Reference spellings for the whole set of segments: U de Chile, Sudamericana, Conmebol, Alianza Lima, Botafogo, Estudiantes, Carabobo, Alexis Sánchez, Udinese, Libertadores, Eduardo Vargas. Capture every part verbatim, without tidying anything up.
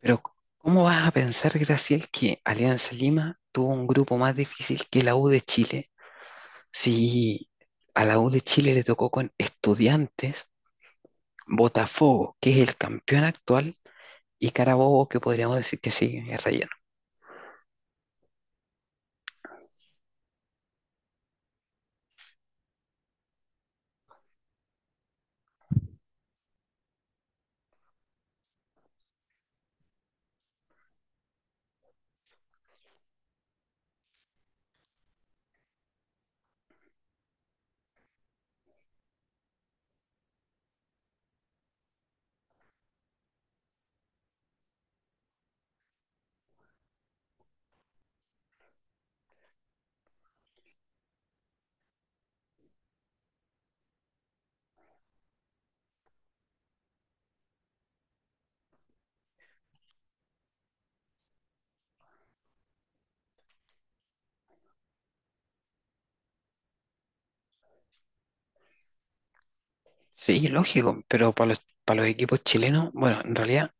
Pero, ¿cómo vas a pensar, Graciel, que Alianza Lima tuvo un grupo más difícil que la U de Chile? Si a la U de Chile le tocó con Estudiantes, Botafogo, que es el campeón actual, y Carabobo, que podríamos decir que sí, es relleno. Sí, lógico, pero para los, para los equipos chilenos, bueno, en realidad,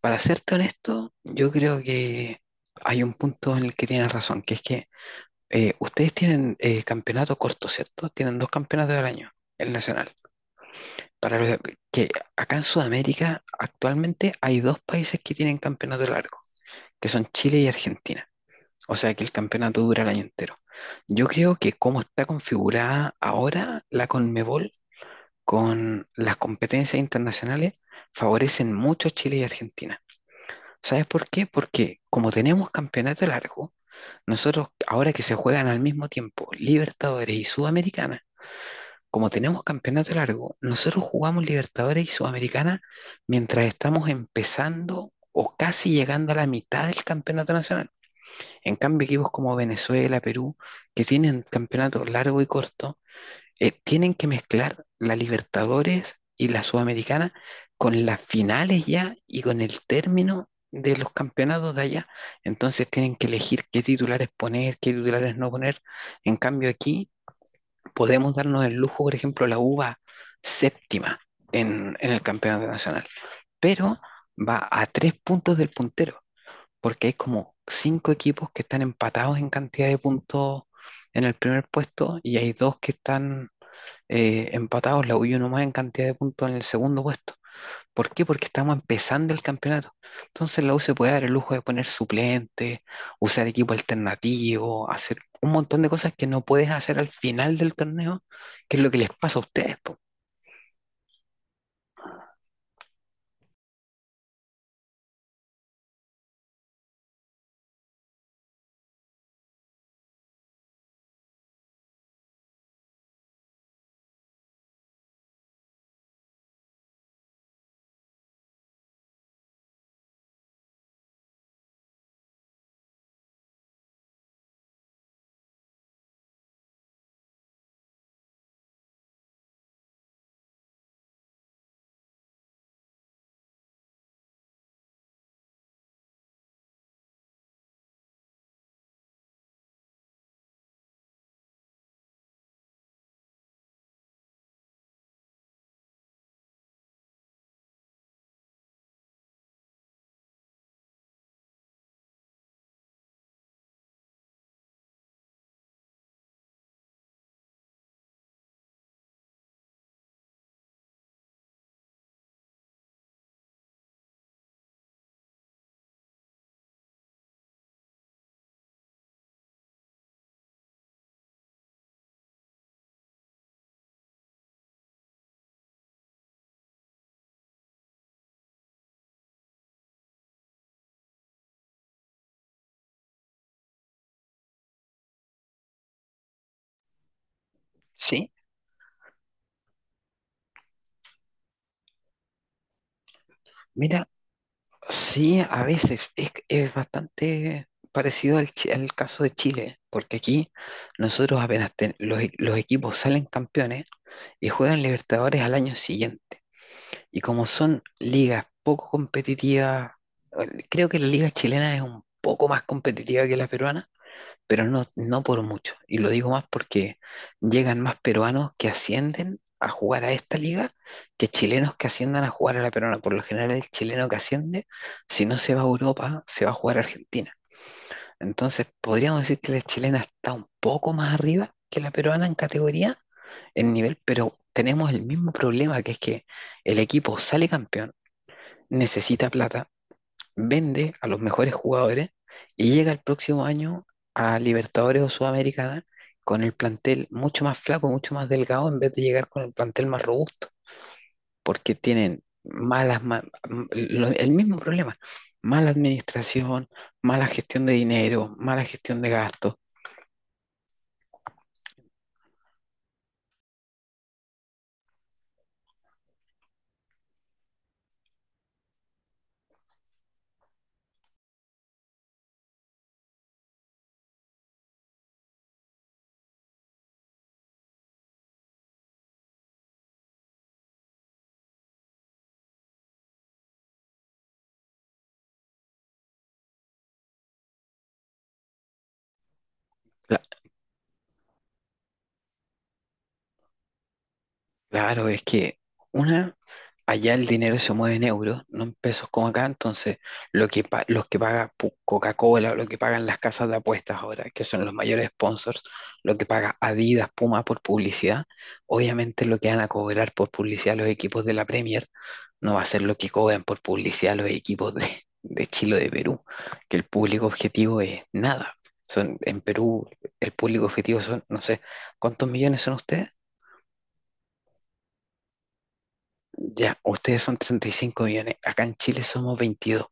para serte honesto, yo creo que hay un punto en el que tienes razón, que es que eh, ustedes tienen eh, campeonato corto, ¿cierto? Tienen dos campeonatos al año, el nacional. Para lo que acá en Sudamérica actualmente hay dos países que tienen campeonato largo, que son Chile y Argentina. O sea que el campeonato dura el año entero. Yo creo que como está configurada ahora la Conmebol con las competencias internacionales, favorecen mucho a Chile y Argentina. ¿Sabes por qué? Porque como tenemos campeonato largo, nosotros ahora que se juegan al mismo tiempo Libertadores y Sudamericana, como tenemos campeonato largo, nosotros jugamos Libertadores y Sudamericana mientras estamos empezando o casi llegando a la mitad del campeonato nacional. En cambio, equipos como Venezuela, Perú, que tienen campeonato largo y corto, eh, tienen que mezclar la Libertadores y la Sudamericana con las finales ya y con el término de los campeonatos de allá. Entonces tienen que elegir qué titulares poner, qué titulares no poner. En cambio aquí podemos darnos el lujo, por ejemplo, la uva séptima en, en el campeonato nacional, pero va a tres puntos del puntero, porque hay como cinco equipos que están empatados en cantidad de puntos en el primer puesto y hay dos que están eh, empatados, la U y uno más en cantidad de puntos en el segundo puesto. ¿Por qué? Porque estamos empezando el campeonato. Entonces la U se puede dar el lujo de poner suplentes, usar equipo alternativo, hacer un montón de cosas que no puedes hacer al final del torneo, que es lo que les pasa a ustedes, po. ¿Sí? Mira, sí, a veces es, es bastante parecido al, chi- al caso de Chile, porque aquí nosotros apenas ten- los, los equipos salen campeones y juegan Libertadores al año siguiente. Y como son ligas poco competitivas, eh, creo que la liga chilena es un poco más competitiva que la peruana, pero no, no por mucho. Y lo digo más porque llegan más peruanos que ascienden a jugar a esta liga que chilenos que asciendan a jugar a la peruana. Por lo general, el chileno que asciende, si no se va a Europa, se va a jugar a Argentina. Entonces, podríamos decir que la chilena está un poco más arriba que la peruana en categoría, en nivel, pero tenemos el mismo problema, que es que el equipo sale campeón, necesita plata, vende a los mejores jugadores y llega el próximo año a Libertadores o Sudamericana con el plantel mucho más flaco, mucho más delgado, en vez de llegar con el plantel más robusto, porque tienen malas, ma- m- lo- el mismo problema, mala administración, mala gestión de dinero, mala gestión de gastos. La- claro, es que una Allá el dinero se mueve en euros, no en pesos como acá, entonces lo que pa- los que paga pu- Coca-Cola, lo que pagan las casas de apuestas ahora, que son los mayores sponsors, lo que paga Adidas, Puma por publicidad, obviamente lo que van a cobrar por publicidad los equipos de la Premier no va a ser lo que cobran por publicidad los equipos de, de Chile o de Perú, que el público objetivo es nada. Son, en Perú el público objetivo son, no sé, ¿cuántos millones son ustedes? Ya, ustedes son treinta y cinco millones, acá en Chile somos veintidós.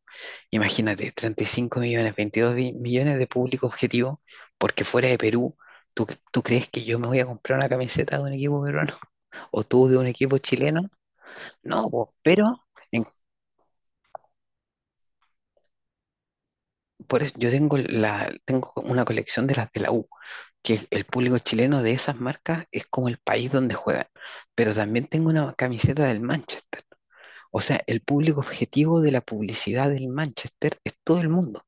Imagínate, treinta y cinco millones, veintidós bi- millones de público objetivo, porque fuera de Perú, ¿tú, tú crees que yo me voy a comprar una camiseta de un equipo peruano o tú de un equipo chileno? No, po, pero en- por eso yo tengo, la, tengo una colección de las de la U, que el público chileno de esas marcas es como el país donde juegan, pero también tengo una camiseta del Manchester. O sea, el público objetivo de la publicidad del Manchester es todo el mundo.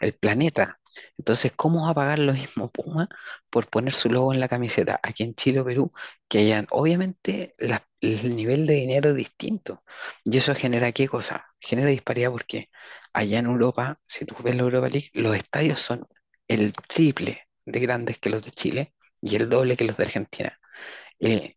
El planeta. Entonces, ¿cómo va a pagar lo mismo Puma por poner su logo en la camiseta aquí en Chile o Perú que allá? Obviamente, la- el nivel de dinero es distinto. ¿Y eso genera qué cosa? Genera disparidad porque allá en Europa, si tú ves la Europa League, los estadios son el triple de grandes que los de Chile y el doble que los de Argentina. Eh,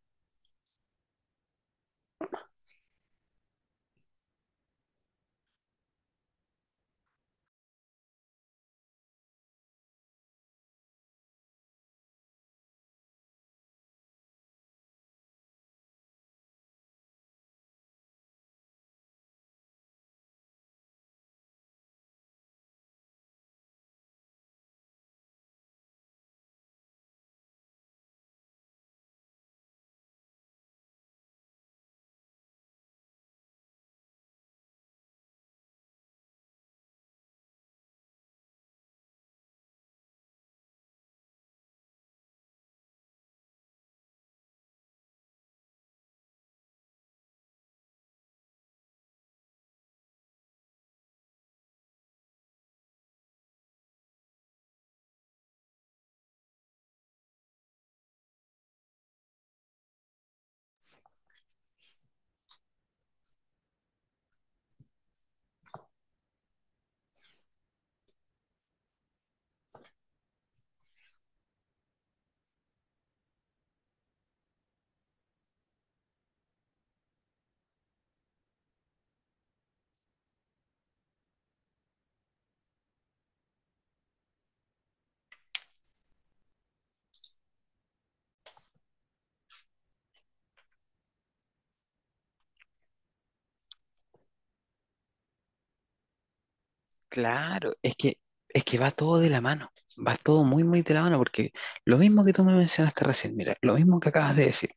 claro, es que, es que, va todo de la mano. Va todo muy, muy de la mano porque lo mismo que tú me mencionaste recién, mira, lo mismo que acabas de decir.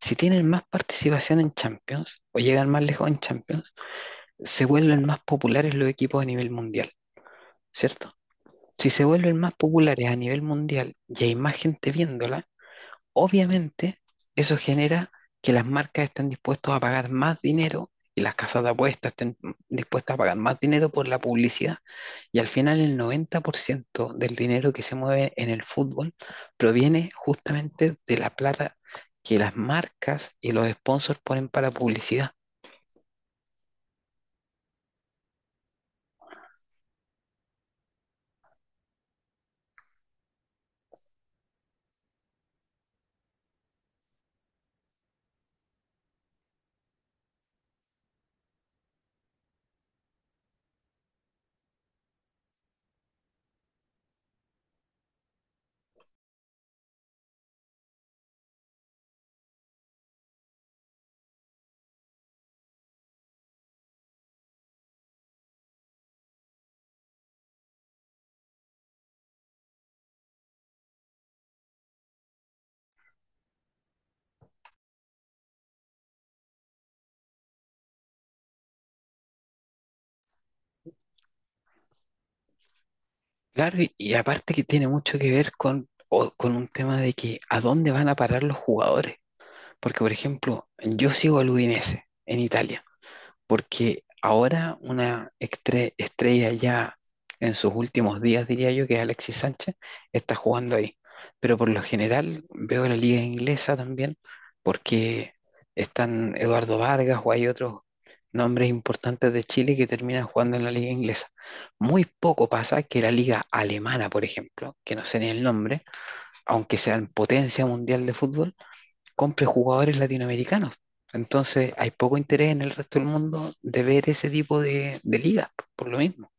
Si tienen más participación en Champions o llegan más lejos en Champions, se vuelven más populares los equipos a nivel mundial, ¿cierto? Si se vuelven más populares a nivel mundial y hay más gente viéndola, obviamente, eso genera que las marcas estén dispuestas a pagar más dinero y las casas de apuestas estén dispuestas a pagar más dinero por la publicidad. Y al final el noventa por ciento del dinero que se mueve en el fútbol proviene justamente de la plata que las marcas y los sponsors ponen para publicidad. Claro, y, y aparte que tiene mucho que ver con, o- con un tema de que a dónde van a parar los jugadores. Porque, por ejemplo, yo sigo al Udinese en Italia porque ahora una estre- estrella ya en sus últimos días, diría yo, que es Alexis Sánchez, está jugando ahí. Pero por lo general veo la liga inglesa también, porque están Eduardo Vargas o hay otros nombres importantes de Chile que terminan jugando en la liga inglesa. Muy poco pasa que la liga alemana, por ejemplo, que no sé ni el nombre, aunque sean potencia mundial de fútbol, compre jugadores latinoamericanos. Entonces hay poco interés en el resto del mundo de ver ese tipo de, de ligas, por lo mismo.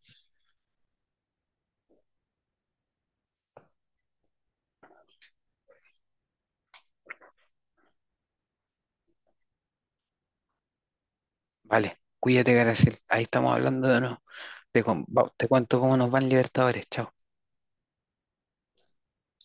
Vale, cuídate, Garacel. Ahí estamos hablando de, no, de, con- va- te cuento cómo nos van Libertadores. Chao.